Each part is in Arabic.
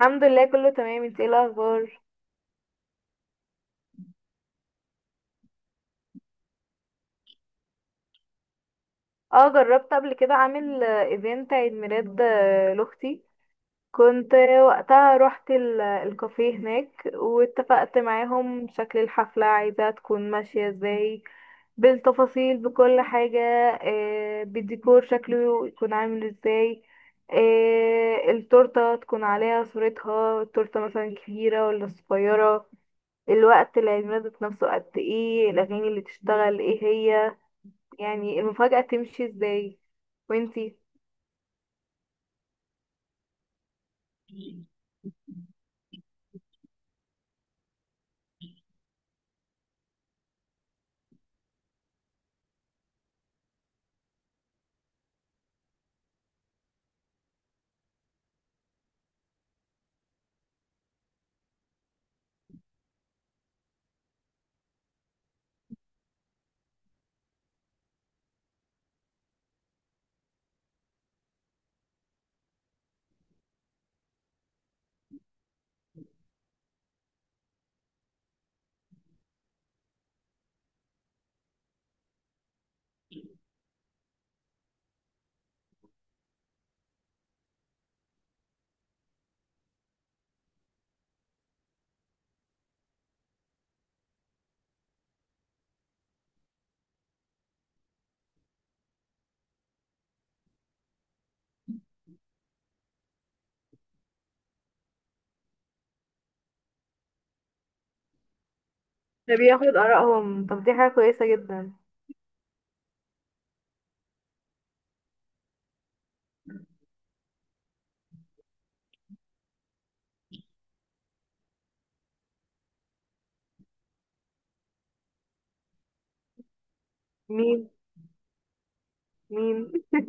الحمد لله كله تمام، انت ايه الاخبار؟ اه جربت قبل كده اعمل ايفنت عيد ميلاد لاختي. كنت وقتها رحت الكافيه هناك واتفقت معاهم شكل الحفلة عايزة تكون ماشية ازاي، بالتفاصيل بكل حاجة. بالديكور شكله يكون عامل ازاي، التورتة تكون عليها صورتها، التورتة مثلا كبيرة ولا صغيرة، الوقت العيد ميلاد نفسه قد ايه، الاغاني اللي تشتغل ايه هي، يعني المفاجأة تمشي ازاي. وانتي؟ ده بياخد آرائهم، طب دي حاجة كويسة جدا. مين؟ مين؟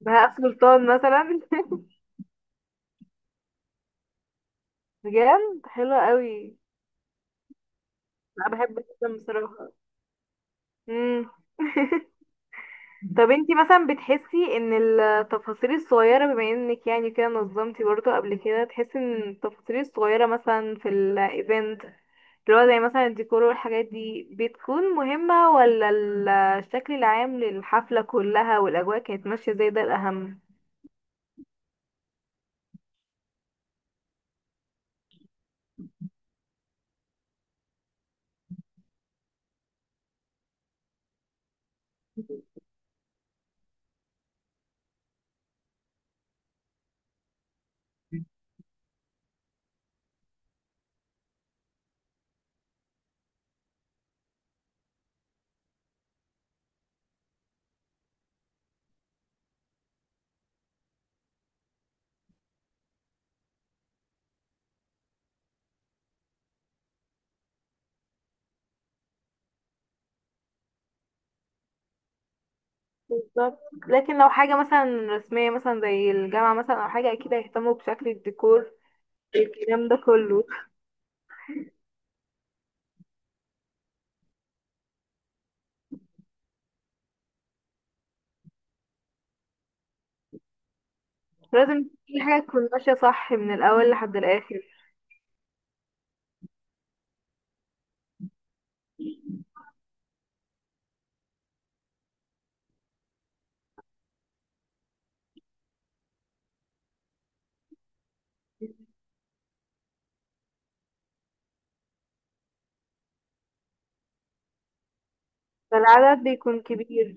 بهاء سلطان مثلا؟ بجد حلوة قوي. لا بحب جدا بصراحة. مم. طب انتي مثلا بتحسي ان التفاصيل الصغيرة، بما انك يعني كده نظمتي برضه قبل كده، تحسي ان التفاصيل الصغيرة مثلا في الايفنت، اللي هو زي مثلا الديكور والحاجات دي، بتكون مهمة ولا الشكل العام للحفلة كلها والأجواء كانت ماشية زي ده الأهم؟ بالظبط. لكن لو حاجة مثلا رسمية، مثلا زي الجامعة مثلا أو حاجة، أكيد هيهتموا بشكل الديكور. الكلام ده كله. لازم كل حاجة تكون ماشية صح من الأول لحد الآخر. ده العدد بيكون كبير.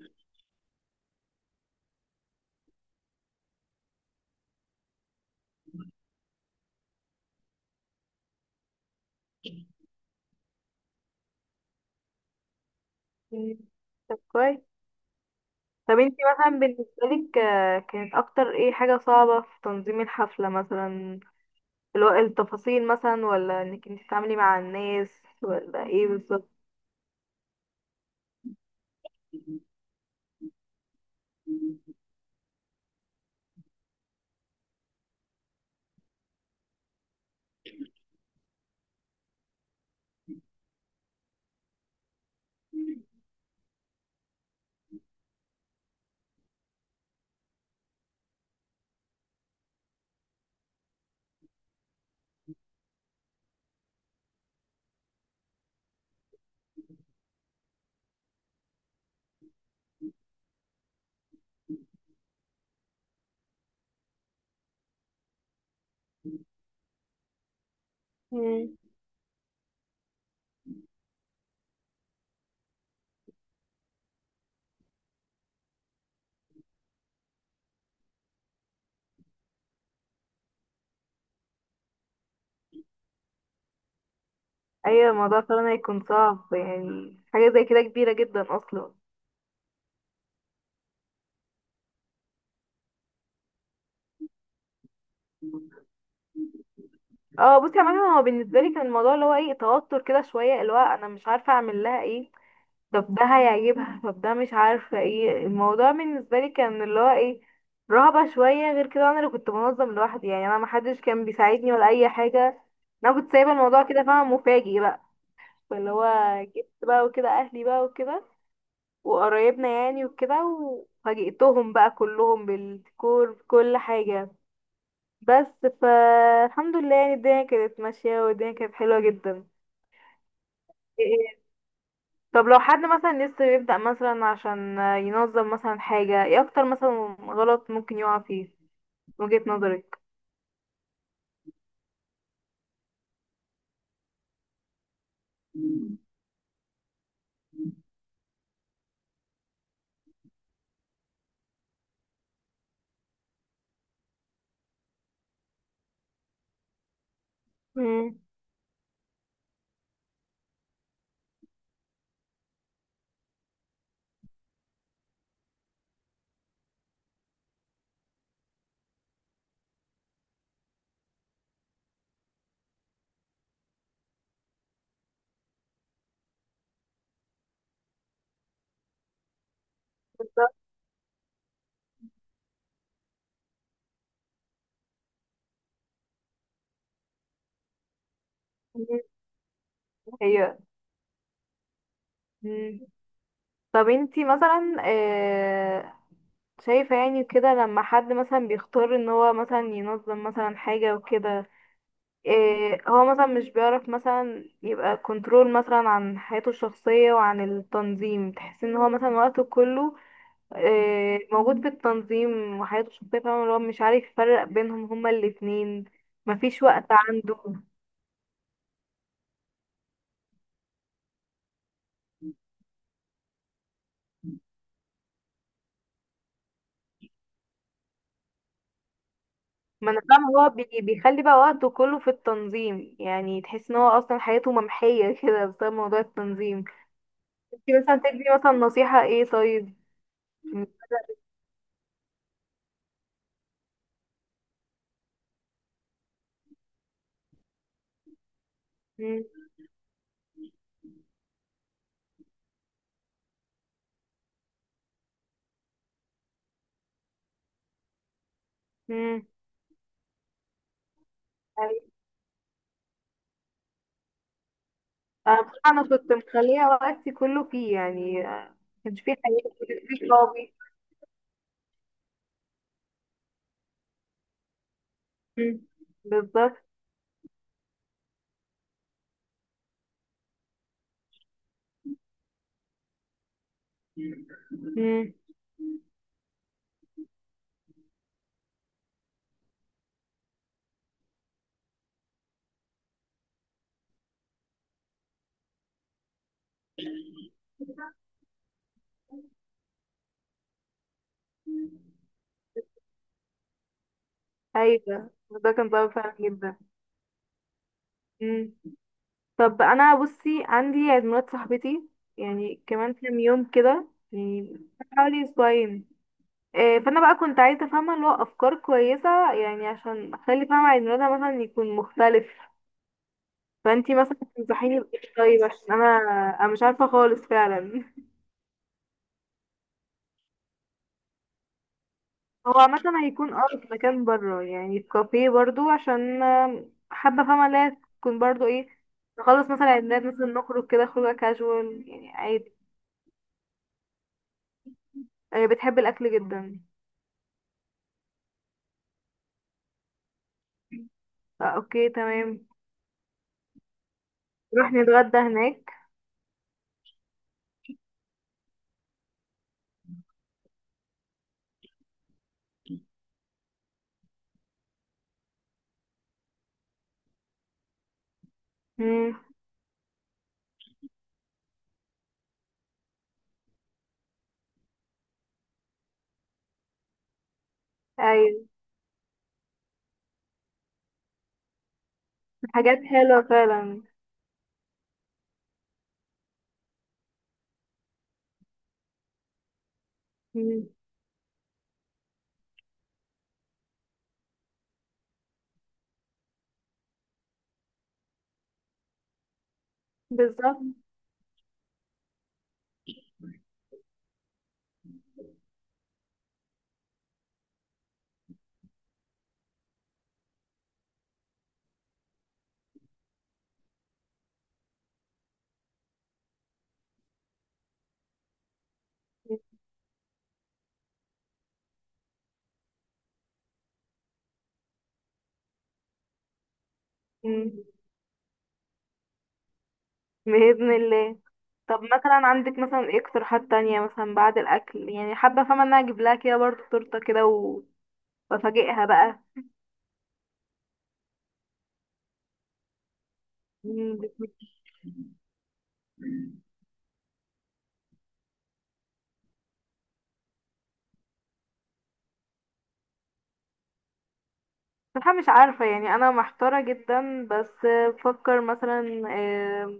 مم. طب كويس. طب انتي مثلا بالنسبة لك كانت أكتر ايه حاجة صعبة في تنظيم الحفلة مثلا؟ التفاصيل مثلا، ولا انك انتي تتعاملي مع الناس، ولا ايه بالظبط؟ مم. ايوه، الموضوع فعلا هيكون صعب يعني، حاجة زي كده كبيرة جدا اصلا. اه، بصي عامة هو بالنسبة لي كان الموضوع اللي هو ايه، توتر كده شوية، اللي هو انا مش عارفة اعمل لها ايه، طب ده هيعجبها، طب ده مش عارفة. ايه الموضوع بالنسبة لي، كان اللي هو ايه، رهبة شوية. غير كده انا اللي كنت بنظم لوحدي يعني، انا محدش كان بيساعدني ولا اي حاجة. انا كنت سايبة الموضوع كده، فاهمة، مفاجئ بقى. فاللي هو جبت بقى وكده اهلي بقى وكده وقرايبنا يعني وكده، وفاجئتهم بقى كلهم بالديكور بكل حاجة بس. فالحمد لله يعني الدنيا كانت ماشية والدنيا كانت حلوة جدا. طب لو حد مثلا لسه بيبدأ مثلا عشان ينظم مثلا حاجة، ايه اكتر مثلا غلط ممكن يقع فيه من وجهة نظرك؟ مم. هي. مم. طب انتي مثلا شايفة يعني كده لما حد مثلا بيختار ان هو مثلا ينظم مثلا حاجة وكده، هو مثلا مش بيعرف مثلا يبقى كنترول مثلا عن حياته الشخصية وعن التنظيم، تحس ان هو مثلا وقته كله موجود في التنظيم وحياته الشخصية، فاهمة، اللي هو مش عارف يفرق بينهم هما الاتنين، مفيش وقت عنده. ما انا فاهمة، هو بيخلي بقى وقته كله في التنظيم، يعني تحس ان هو اصلا حياته ممحية كده بسبب موضوع التنظيم. انتي مثلا تدي مثلا نصيحة ايه طيب؟ م- م- م. يعني انا بصراحة انا كنت مخلية وقتي كله فيه يعني، مكانش فيه حياة، مكانش فيه صحابي. م. بالظبط. م. ايوه ده كان صعب فعلا جدا. مم. طب انا بصي عندي عيد ميلاد صاحبتي، يعني كمان كام يوم كده يعني، حوالي اسبوعين. فانا بقى كنت عايزه افهمها اللي هو افكار كويسه يعني، عشان اخلي فاهمه عيد ميلادها مثلا يكون مختلف. فانتي مثلا تنصحيني بايه طيب؟ عشان انا انا مش عارفه خالص فعلا. هو عامة هيكون اه في مكان بره يعني، في كافيه برضو، عشان حابة فاهمة اللي هي تكون برضو ايه، نخلص مثلا عيدات مثلا، نخرج كده خروجة كاجوال يعني عادي. بتحب الأكل جدا. اوكي تمام، نروح نتغدى هناك. مم. أيوة. حاجات حلوة فعلا. مم. بالظبط. مم. بإذن الله. طب مثلا عندك مثلا ايه اقتراحات تانية مثلا بعد الأكل؟ يعني حابة فاهمة ان انا اجيب لها كده برضو تورتة كده وافاجئها بقى. مم. صراحة مش عارفة يعني، أنا محتارة جدا. بس بفكر مثلا آه،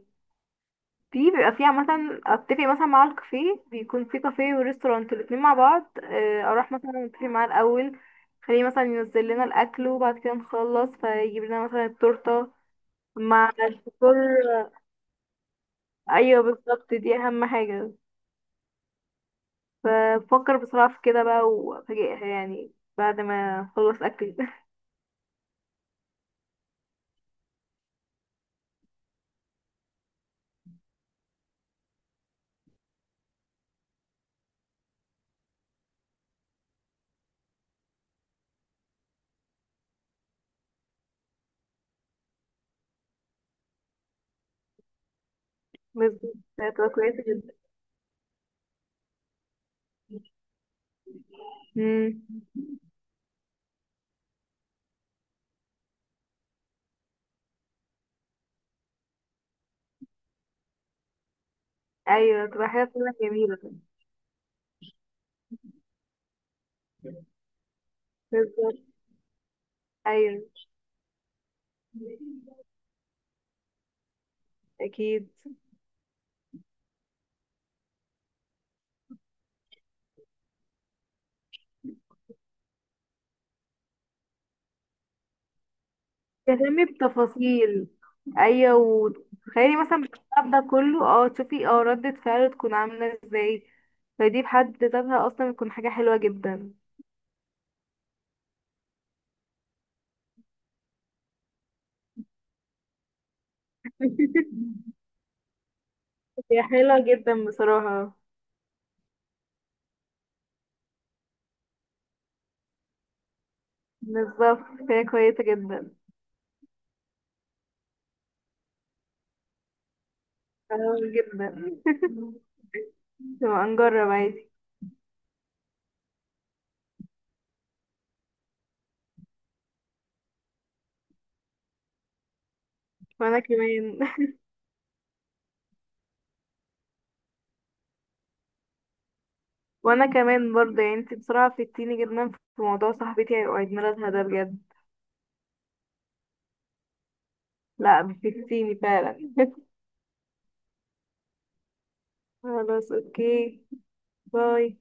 في بيبقى فيها مثلا أتفق مثلا مع الكافيه، بيكون في كافيه وريستورانت الاتنين مع بعض، أروح مثلا أتفق معاه الأول، خليه مثلا ينزل لنا الأكل، وبعد كده نخلص فيجيب لنا مثلا التورتة مع الفطور. أيوه بالظبط، دي أهم حاجة. فبفكر بصراحة في كده بقى وأفاجئها يعني، بعد ما أخلص أكل. بالظبط، هتبقى كويسة جدا. مم. أيوه تبقى حاجة فعلا جميلة. بالظبط. ايوه، اكيد. تهتمي بتفاصيل. ايوه، وتخيلي مثلا بالتعب ده كله اه تشوفي اه ردة فعله تكون عاملة ازاي، فدي بحد ذاتها اصلا بتكون حاجة حلوة جدا. هي حلوة جدا بصراحة. بالظبط، هي كويسة جدا. اه جدا. نبقى نجرب عادي. وانا كمان. وانا كمان برضه يعني، انت بصراحة فدتيني جدا في موضوع صاحبتي عيد ميلادها ده بجد. لا فدتيني فعلا. خلاص اوكي. باي.